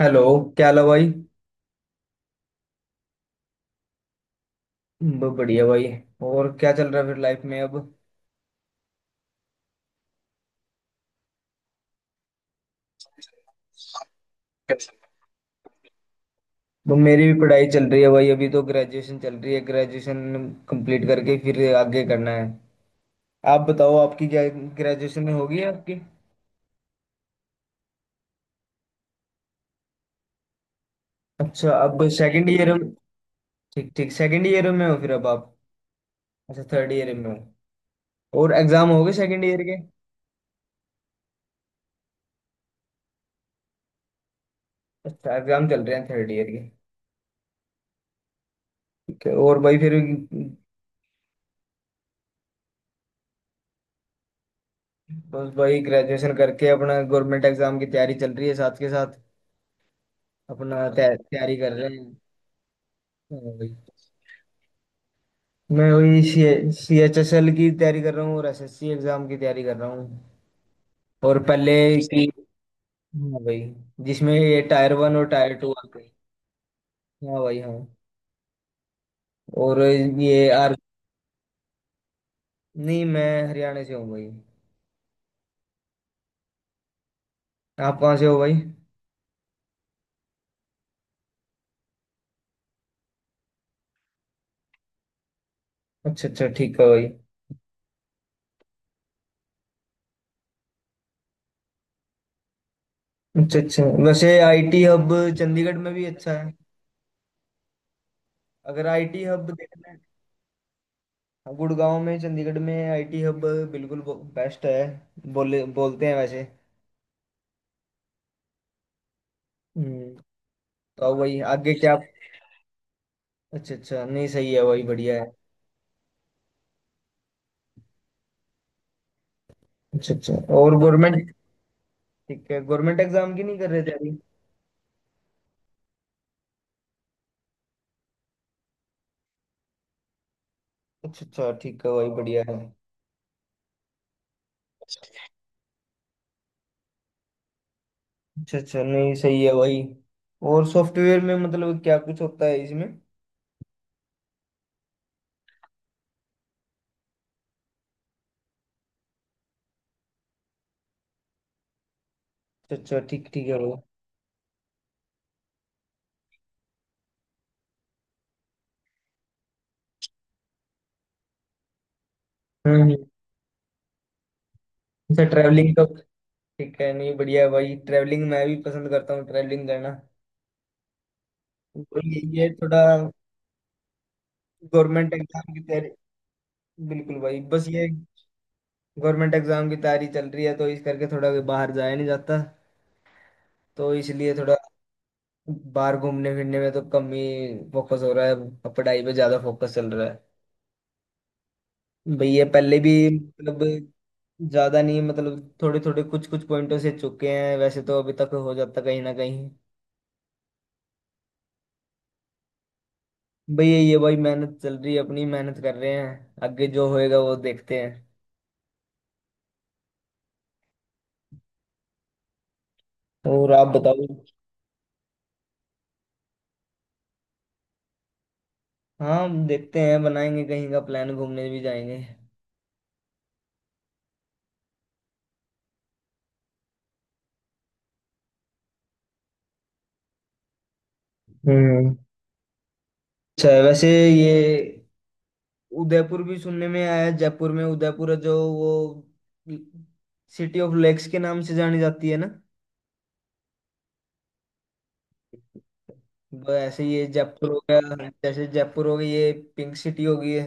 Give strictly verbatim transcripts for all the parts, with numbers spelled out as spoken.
Hello. क्या हाल है भाई। ब- बढ़िया भाई। और क्या चल रहा है फिर लाइफ में अब। ब- मेरी भी पढ़ाई चल रही है भाई। अभी तो ग्रेजुएशन चल रही है। ग्रेजुएशन कंप्लीट करके फिर आगे करना है। आप बताओ आपकी क्या ग्रेजुएशन में होगी आपकी। अच्छा, अब सेकंड ईयर। ठीक ठीक, सेकंड ईयर में हो फिर अब आप। अच्छा, थर्ड ईयर में हो। और एग्जाम हो गए सेकंड ईयर के? अच्छा, एग्जाम चल रहे हैं थर्ड ईयर के। ठीक है। और भाई फिर? बस भाई, ग्रेजुएशन करके अपना गवर्नमेंट एग्जाम की तैयारी चल रही है साथ के साथ। अपना तै- तैयारी कर रहे हैं। हाँ भाई। मैं वही सी एच एस एल की तैयारी कर रहा हूँ, और एस एस सी एग्जाम की तैयारी कर रहा हूँ। और पहले की। हाँ भाई। जिसमें ये टायर वन और टायर टू आते हैं। हाँ भाई, हाँ। और ये आर। नहीं, मैं हरियाणा से हूँ भाई। आप कहाँ से हो भाई? अच्छा अच्छा, ठीक है भाई। अच्छा अच्छा, वैसे आई टी हब चंडीगढ़ में भी अच्छा है, अगर आई टी हब देखना है। हाँ, गुड़गांव में, चंडीगढ़ में आई टी हब बिल्कुल बेस्ट है, बोले बोलते हैं वैसे। हम्म तो अब वही, आगे क्या? अच्छा अच्छा, नहीं सही है, वही बढ़िया है। अच्छा अच्छा। और गवर्नमेंट, ठीक है, गवर्नमेंट एग्जाम की नहीं कर रहे थे अभी। अच्छा अच्छा, ठीक है, वही बढ़िया है। अच्छा अच्छा, नहीं सही है वही। और सॉफ्टवेयर में मतलब क्या कुछ होता है इसमें? अच्छा अच्छा, ठीक ठीक है वो। हम्म हम्म। अच्छा, ट्रैवलिंग का। ठीक है, नहीं बढ़िया है भाई, ट्रैवलिंग मैं भी पसंद करता हूँ, ट्रैवलिंग करना। और ये ये थोड़ा गवर्नमेंट एग्जाम की तैयारी। बिल्कुल भाई। बस ये गवर्नमेंट एग्जाम की तैयारी चल रही है तो इस करके थोड़ा बाहर जाया नहीं जाता। तो इसलिए थोड़ा बाहर घूमने फिरने में तो कम ही फोकस हो रहा है, अब पढ़ाई पे ज्यादा फोकस चल रहा है भैया। पहले भी मतलब ज्यादा नहीं, मतलब थोड़े थोड़े कुछ कुछ पॉइंटों से चुके हैं वैसे, तो अभी तक हो जाता कहीं ना कहीं। भैया ये भाई मेहनत चल रही है, अपनी मेहनत कर रहे हैं, आगे जो होएगा वो देखते हैं। और आप बताओ। हाँ, देखते हैं, बनाएंगे कहीं का प्लान, घूमने भी जाएंगे। हम्म। अच्छा है। वैसे ये उदयपुर भी सुनने में आया, जयपुर में उदयपुर है जो वो सिटी ऑफ लेक्स के नाम से जानी जाती है ना। वो ऐसे ये जयपुर हो गया, जैसे जयपुर हो गई, ये पिंक सिटी हो गई है।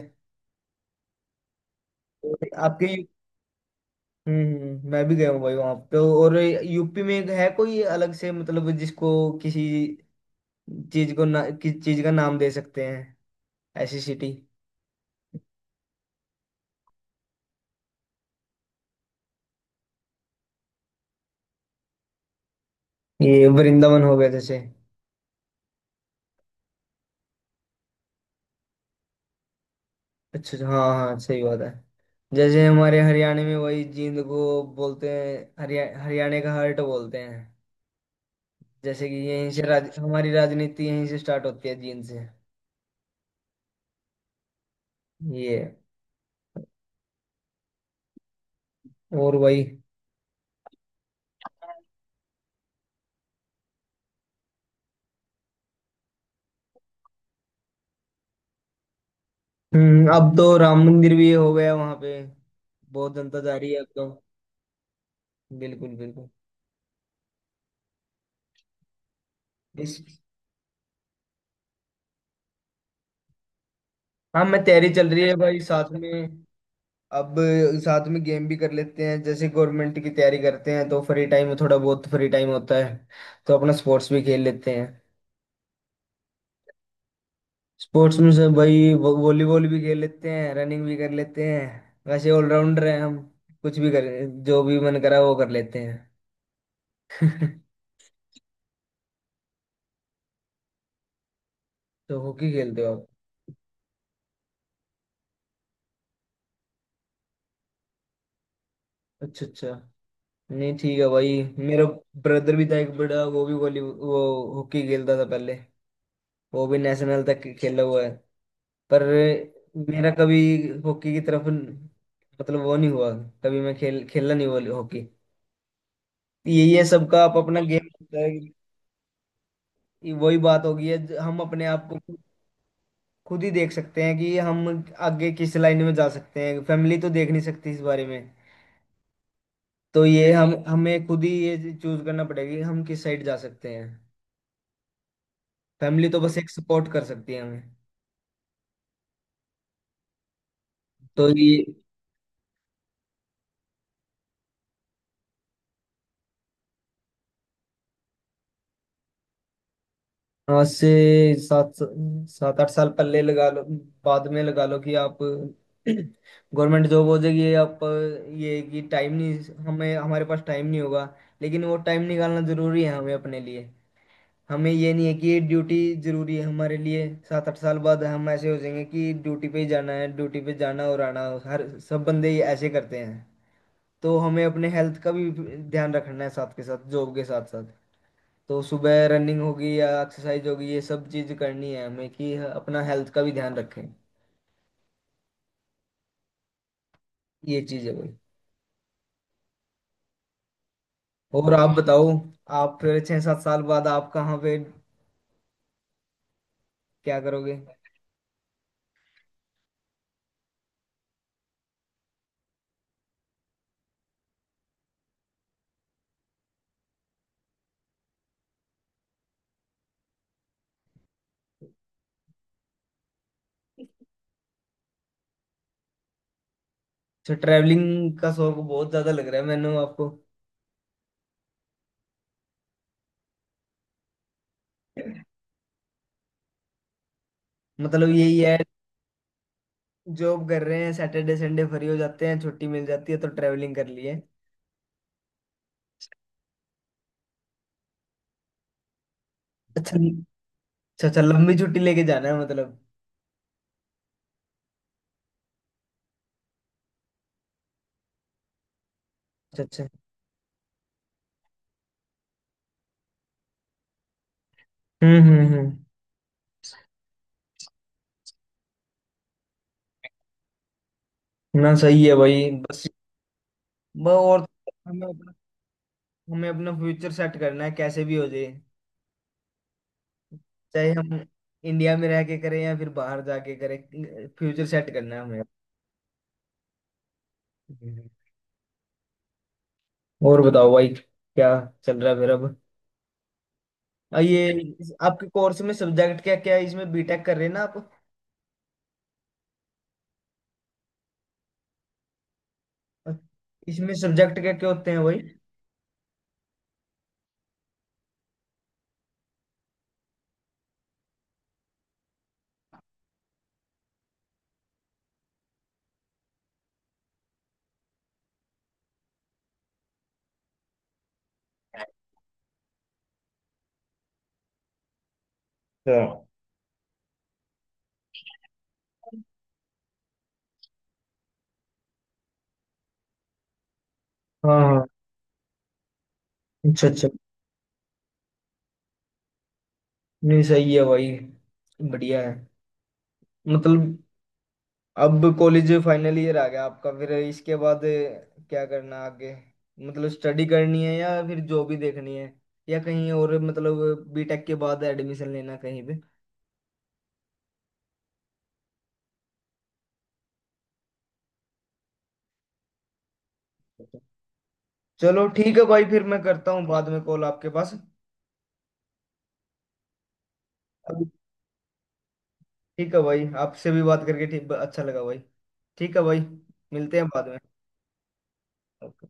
और आपके यू- हम्म हम्म, हम्म, मैं भी गया हूँ भाई वहां पे। और यूपी में एक है कोई अलग से, मतलब जिसको किसी चीज को ना किसी चीज का नाम दे सकते हैं ऐसी सिटी। ये वृंदावन हो गया जैसे। अच्छा अच्छा, हाँ हाँ, सही बात है। जैसे हमारे हरियाणा में वही जींद को बोलते हैं, हरिया हरियाणा का हार्ट बोलते हैं। जैसे कि यहीं से राज, हमारी राजनीति यहीं से स्टार्ट होती है, जींद से। ये और वही। हम्म। अब तो राम मंदिर भी हो गया वहां पे, बहुत जनता जा रही है अब तो। बिल्कुल बिल्कुल। इस, हाँ मैं तैयारी चल रही है भाई साथ में। अब साथ में गेम भी कर लेते हैं, जैसे गवर्नमेंट की तैयारी करते हैं तो फ्री टाइम, थोड़ा बहुत फ्री टाइम होता है, तो अपना स्पोर्ट्स भी खेल लेते हैं। स्पोर्ट्स में से भाई वो- वॉलीबॉल भी खेल लेते हैं, रनिंग भी कर लेते हैं। वैसे ऑलराउंडर हैं हम, कुछ भी कर, जो भी मन करा वो कर लेते हैं। तो हॉकी खेलते हो आप? अच्छा अच्छा। नहीं ठीक है भाई, मेरा ब्रदर भी था एक बड़ा, वो भी वॉली वो हॉकी खेलता था पहले, वो भी नेशनल तक खेला हुआ है। पर मेरा कभी हॉकी की तरफ न- मतलब वो नहीं हुआ, कभी मैं खेल खेला नहीं वो हॉकी। यही है सबका आप अपना गेम। वही बात होगी है, ज- हम अपने आप को खुद ही देख सकते हैं कि हम आगे किस लाइन में जा सकते हैं, फैमिली तो देख नहीं सकती इस बारे में। तो ये हम हमें खुद ही ये चूज करना पड़ेगा कि हम किस साइड जा सकते हैं। फैमिली तो बस एक सपोर्ट कर सकती है हमें। तो ये आज से सात सात आठ साल पहले लगा लो, बाद में लगा लो कि आप गवर्नमेंट जॉब हो जाएगी ये आप, ये कि टाइम नहीं, हमें हमारे पास टाइम नहीं होगा, लेकिन वो टाइम निकालना जरूरी है हमें अपने लिए। हमें ये नहीं है कि ये ड्यूटी जरूरी है हमारे लिए, सात आठ साल बाद हम ऐसे हो जाएंगे कि ड्यूटी पे ही जाना है, ड्यूटी पे जाना और आना, हर सब बंदे ये ऐसे करते हैं। तो हमें अपने हेल्थ का भी ध्यान रखना है साथ के साथ, जॉब के साथ साथ। तो सुबह रनिंग होगी या एक्सरसाइज होगी, ये सब चीज करनी है हमें कि अपना हेल्थ का भी ध्यान रखें। ये चीज है भाई। और आप बताओ, आप फिर छह सात साल बाद आप कहाँ पे क्या करोगे? अच्छा, ट्रैवलिंग का शौक बहुत ज्यादा लग रहा है मैंने आपको। मतलब यही है, जॉब कर रहे हैं, सैटरडे संडे फ्री हो जाते हैं, छुट्टी मिल जाती है तो ट्रेवलिंग कर लिए। अच्छा। अच्छा अच्छा, लंबी छुट्टी लेके जाना है मतलब। अच्छा अच्छा। हम्म हम्म हम्म। ना सही है भाई, बस। ब- और, हमें अपना, हमें अपना फ्यूचर सेट करना है, कैसे भी हो जाए, चाहे हम इंडिया में रह के करें या फिर बाहर जाके करें, फ्यूचर सेट करना है हमें। हम्म। और बताओ भाई, क्या चल रहा है फिर अब। आ, ये इस- आपके कोर्स में सब्जेक्ट क्या क्या है इसमें, बी टेक कर रहे हैं ना आप? इसमें सब्जेक्ट क्या क्या होते हैं भाई? अच्छा। हाँ हाँ। अच्छा अच्छा, नहीं सही है भाई, बढ़िया है मतलब। अब कॉलेज फाइनल ईयर आ गया आपका, फिर इसके बाद क्या करना आगे? मतलब स्टडी करनी है या फिर जॉब ही देखनी है, या कहीं और मतलब बी टेक के बाद एडमिशन लेना कहीं पे? चलो ठीक है भाई, फिर मैं करता हूँ बाद में कॉल आपके पास अभी। ठीक है भाई, आपसे भी बात करके ठीक अच्छा लगा भाई। ठीक है भाई, मिलते हैं बाद में।